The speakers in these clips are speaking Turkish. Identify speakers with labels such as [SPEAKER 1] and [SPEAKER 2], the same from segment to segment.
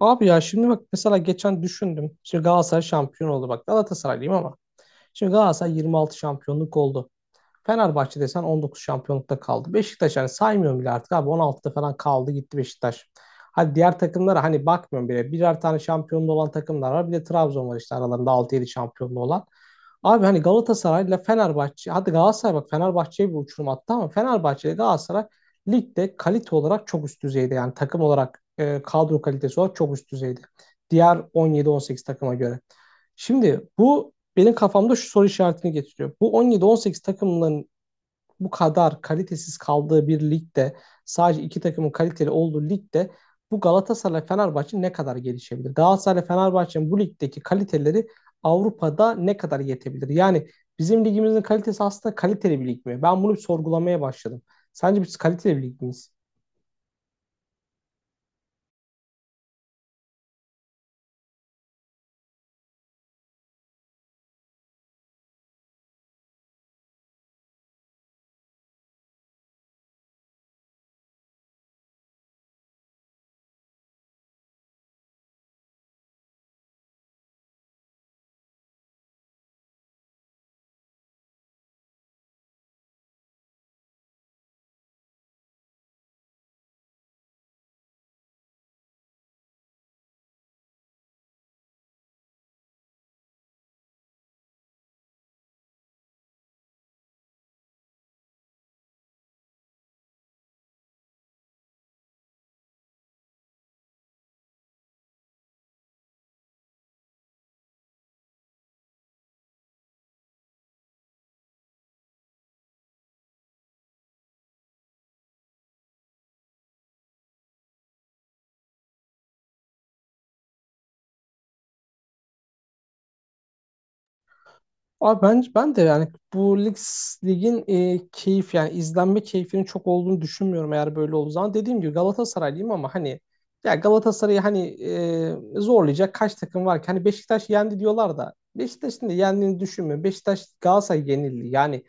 [SPEAKER 1] Abi ya şimdi bak mesela geçen düşündüm. Şimdi Galatasaray şampiyon oldu. Bak Galatasaraylıyım ama. Şimdi Galatasaray 26 şampiyonluk oldu. Fenerbahçe desen 19 şampiyonlukta kaldı. Beşiktaş hani saymıyorum bile artık abi 16'da falan kaldı gitti Beşiktaş. Hadi diğer takımlara hani bakmıyorum bile. Birer tane şampiyonluğu olan takımlar var. Bir de Trabzon var işte aralarında altı yedi şampiyonluğu olan. Abi hani Galatasaray ile Fenerbahçe, hadi Galatasaray bak Fenerbahçe'ye bir uçurum attı ama Fenerbahçe ile Galatasaray ligde kalite olarak çok üst düzeyde. Yani takım olarak kadro kalitesi olarak çok üst düzeyde. Diğer 17-18 takıma göre. Şimdi bu benim kafamda şu soru işaretini getiriyor. Bu 17-18 takımların bu kadar kalitesiz kaldığı bir ligde, sadece iki takımın kaliteli olduğu ligde bu Galatasaray Fenerbahçe ne kadar gelişebilir? Galatasaray Fenerbahçe'nin bu ligdeki kaliteleri Avrupa'da ne kadar yetebilir? Yani bizim ligimizin kalitesi aslında kaliteli bir lig mi? Ben bunu bir sorgulamaya başladım. Sence biz kaliteli bir lig miyiz? Abi ben de yani bu lig, ligin keyif yani izlenme keyfinin çok olduğunu düşünmüyorum eğer böyle olduğu zaman. Dediğim gibi Galatasaraylıyım ama hani ya Galatasaray'ı hani zorlayacak kaç takım var ki? Hani Beşiktaş yendi diyorlar da Beşiktaş'ın da yendiğini düşünmüyorum. Beşiktaş Galatasaray yenildi. Yani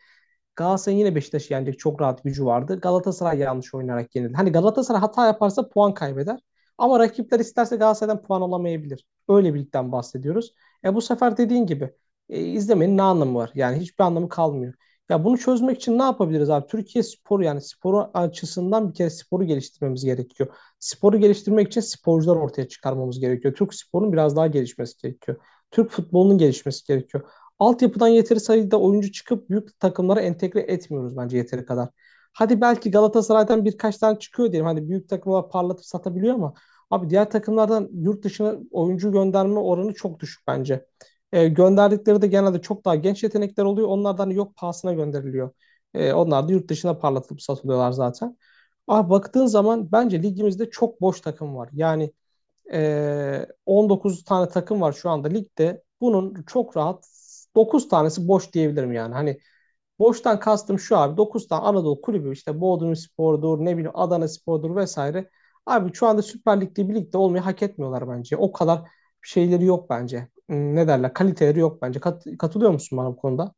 [SPEAKER 1] Galatasaray'ın yine Beşiktaş'ı yenecek çok rahat gücü vardı. Galatasaray yanlış oynayarak yenildi. Hani Galatasaray hata yaparsa puan kaybeder. Ama rakipler isterse Galatasaray'dan puan alamayabilir. Öyle bir ligden bahsediyoruz. E bu sefer dediğin gibi izlemenin ne anlamı var? Yani hiçbir anlamı kalmıyor. Ya bunu çözmek için ne yapabiliriz abi? Türkiye sporu yani sporu açısından bir kere sporu geliştirmemiz gerekiyor. Sporu geliştirmek için sporcular ortaya çıkarmamız gerekiyor. Türk sporunun biraz daha gelişmesi gerekiyor. Türk futbolunun gelişmesi gerekiyor. Altyapıdan yeteri sayıda oyuncu çıkıp büyük takımlara entegre etmiyoruz bence yeteri kadar. Hadi belki Galatasaray'dan birkaç tane çıkıyor diyelim. Hani büyük takımlar parlatıp satabiliyor ama abi diğer takımlardan yurt dışına oyuncu gönderme oranı çok düşük bence. Gönderdikleri de genelde çok daha genç yetenekler oluyor. Onlardan hani yok pahasına gönderiliyor. Onlar da yurt dışına parlatılıp satılıyorlar zaten. Abi baktığın zaman bence ligimizde çok boş takım var. Yani 19 tane takım var şu anda ligde. Bunun çok rahat 9 tanesi boş diyebilirim yani. Hani boştan kastım şu abi, 9 tane Anadolu kulübü işte Bodrumspor'dur, ne bileyim Adanaspor'dur vesaire. Abi şu anda Süper Lig'de bir ligde olmayı hak etmiyorlar bence. O kadar şeyleri yok bence. Ne derler? Kaliteleri yok bence. Katılıyor musun bana bu konuda?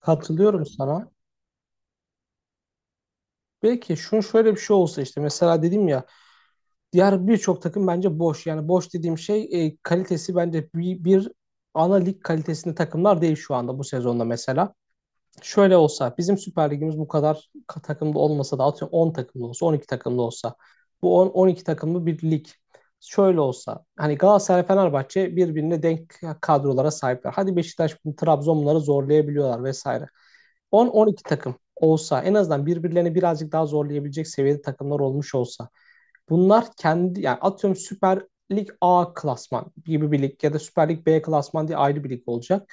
[SPEAKER 1] Katılıyorum sana. Belki şunu, şöyle bir şey olsa işte, mesela dedim ya, diğer birçok takım bence boş. Yani boş dediğim şey kalitesi bence bir ana lig kalitesinde takımlar değil şu anda bu sezonda mesela. Şöyle olsa, bizim Süper Ligimiz bu kadar takımda olmasa da, atıyorum 10 takımda olsa, 12 takımda olsa, bu 10 12 takımlı bir lig şöyle olsa, hani Galatasaray Fenerbahçe birbirine denk kadrolara sahipler. Hadi Beşiktaş bunu, Trabzon bunları zorlayabiliyorlar vesaire. 10 12 takım olsa en azından birbirlerini birazcık daha zorlayabilecek seviyede takımlar olmuş olsa, bunlar kendi yani atıyorum Süper Lig A klasman gibi bir lig, ya da Süper Lig B klasman diye ayrı bir lig olacak.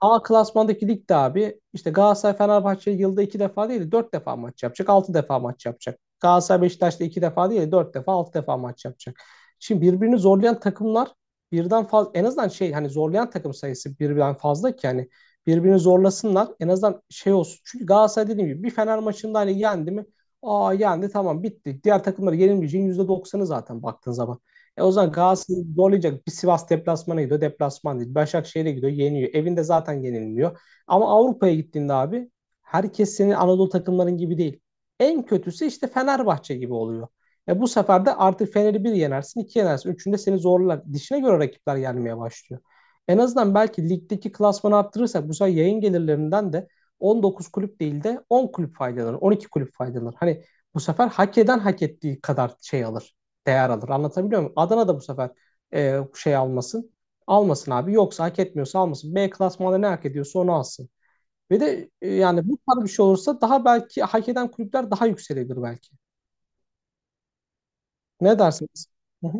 [SPEAKER 1] A klasmandaki ligde abi işte Galatasaray Fenerbahçe yılda iki defa değil de dört defa maç yapacak. Altı defa maç yapacak. Galatasaray Beşiktaş'ta iki defa değil de dört defa, altı defa maç yapacak. Şimdi birbirini zorlayan takımlar birden fazla, en azından şey, hani zorlayan takım sayısı birden fazla ki hani birbirini zorlasınlar, en azından şey olsun. Çünkü Galatasaray, dediğim gibi, bir Fener maçında hani yendi mi, aa yendi tamam bitti. Diğer takımları yenilmeyeceğin yüzde doksanı zaten baktığın zaman. E o zaman Galatasaray'ı zorlayacak, bir Sivas deplasmana gidiyor. Deplasman değil, Başakşehir'e gidiyor. Yeniyor. Evinde zaten yenilmiyor. Ama Avrupa'ya gittiğinde abi herkes senin Anadolu takımların gibi değil. En kötüsü işte Fenerbahçe gibi oluyor. E bu sefer de artık Fener'i bir yenersin, iki yenersin. Üçünde seni zorlar. Dişine göre rakipler gelmeye başlıyor. En azından belki ligdeki klasmanı arttırırsak, bu sefer yayın gelirlerinden de 19 kulüp değil de 10 kulüp faydalanır, 12 kulüp faydalanır. Hani bu sefer hak eden hak ettiği kadar şey alır, değer alır. Anlatabiliyor muyum? Adana da bu sefer şey almasın. Almasın abi. Yoksa hak etmiyorsa almasın. B klasmanda ne hak ediyorsa onu alsın. Ve de yani bu tarz bir şey olursa daha belki hak eden kulüpler daha yükselebilir belki. Ne dersiniz? Hı hı.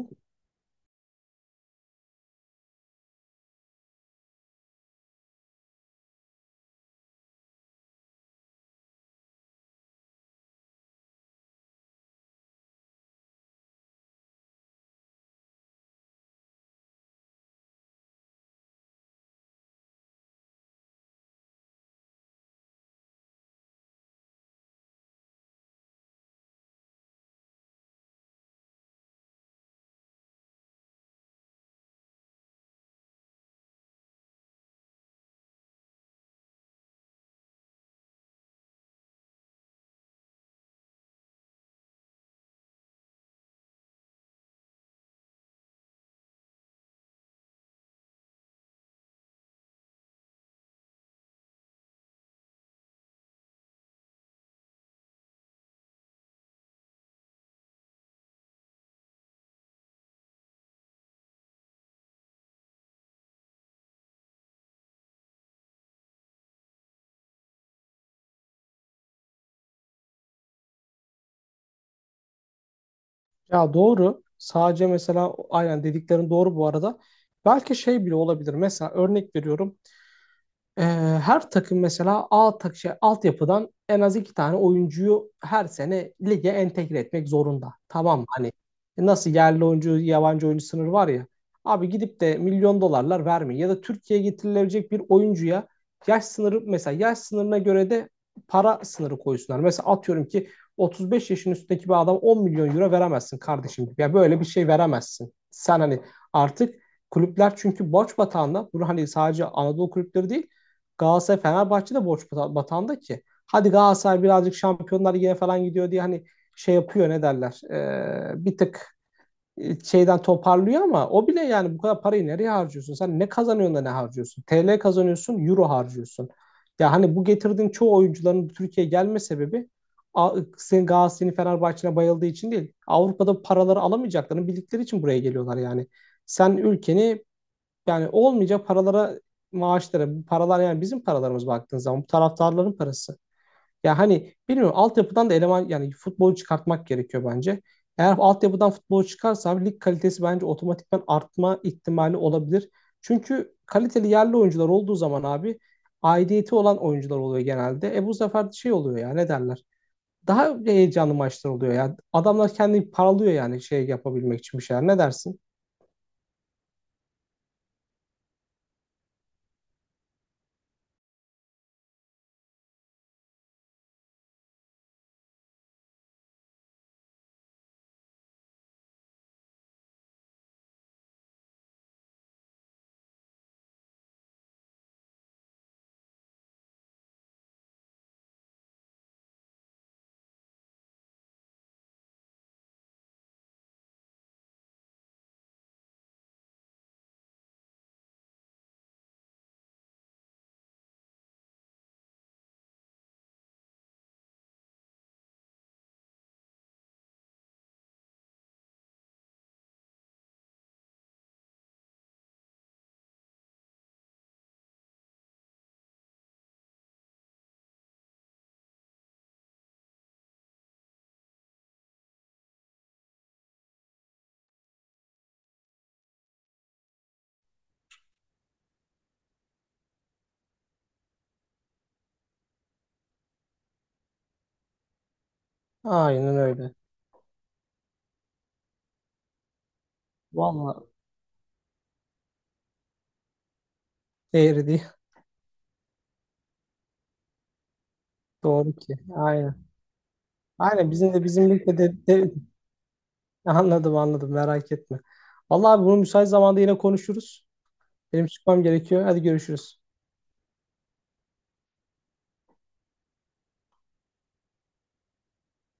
[SPEAKER 1] Ya doğru. Sadece mesela, aynen dediklerin doğru bu arada. Belki şey bile olabilir. Mesela örnek veriyorum. Ee, Her takım mesela A tak şey, altyapıdan en az iki tane oyuncuyu her sene lige entegre etmek zorunda. Tamam mı? Hani nasıl yerli oyuncu, yabancı oyuncu sınırı var ya. Abi gidip de milyon dolarlar vermeyin. Ya da Türkiye'ye getirilebilecek bir oyuncuya yaş sınırı, mesela yaş sınırına göre de para sınırı koysunlar. Mesela atıyorum ki 35 yaşın üstündeki bir adam 10 milyon euro veremezsin kardeşim gibi. Ya böyle bir şey veremezsin. Sen hani artık, kulüpler çünkü borç batağında. Bunu hani sadece Anadolu kulüpleri değil, Galatasaray Fenerbahçe de borç batağında ki. Hadi Galatasaray birazcık Şampiyonlar Ligi'ne falan gidiyor diye hani şey yapıyor, ne derler. Bir tık şeyden toparlıyor, ama o bile yani bu kadar parayı nereye harcıyorsun? Sen ne kazanıyorsun da ne harcıyorsun? TL kazanıyorsun, euro harcıyorsun. Ya hani bu getirdiğin çoğu oyuncuların Türkiye'ye gelme sebebi senin Galatasaray'ın Fenerbahçe'ne bayıldığı için değil. Avrupa'da paraları alamayacaklarını bildikleri için buraya geliyorlar yani. Sen ülkeni, yani olmayacak paralara, maaşlara, bu paralar yani bizim paralarımız baktığın zaman, bu taraftarların parası. Ya hani bilmiyorum, altyapıdan da eleman yani futbolu çıkartmak gerekiyor bence. Eğer altyapıdan futbolu çıkarsa abi lig kalitesi bence otomatikman artma ihtimali olabilir. Çünkü kaliteli yerli oyuncular olduğu zaman abi aidiyeti olan oyuncular oluyor genelde. E bu sefer şey oluyor ya, ne derler? Daha heyecanlı maçlar oluyor. Yani adamlar kendini paralıyor yani şey yapabilmek için bir şeyler. Ne dersin? Aynen öyle. Vallahi değeri değil. Doğru ki. Aynen. Aynen bizim de bizim ligde de. Anladım anladım, merak etme. Vallahi bunu müsait zamanda yine konuşuruz. Benim çıkmam gerekiyor. Hadi görüşürüz.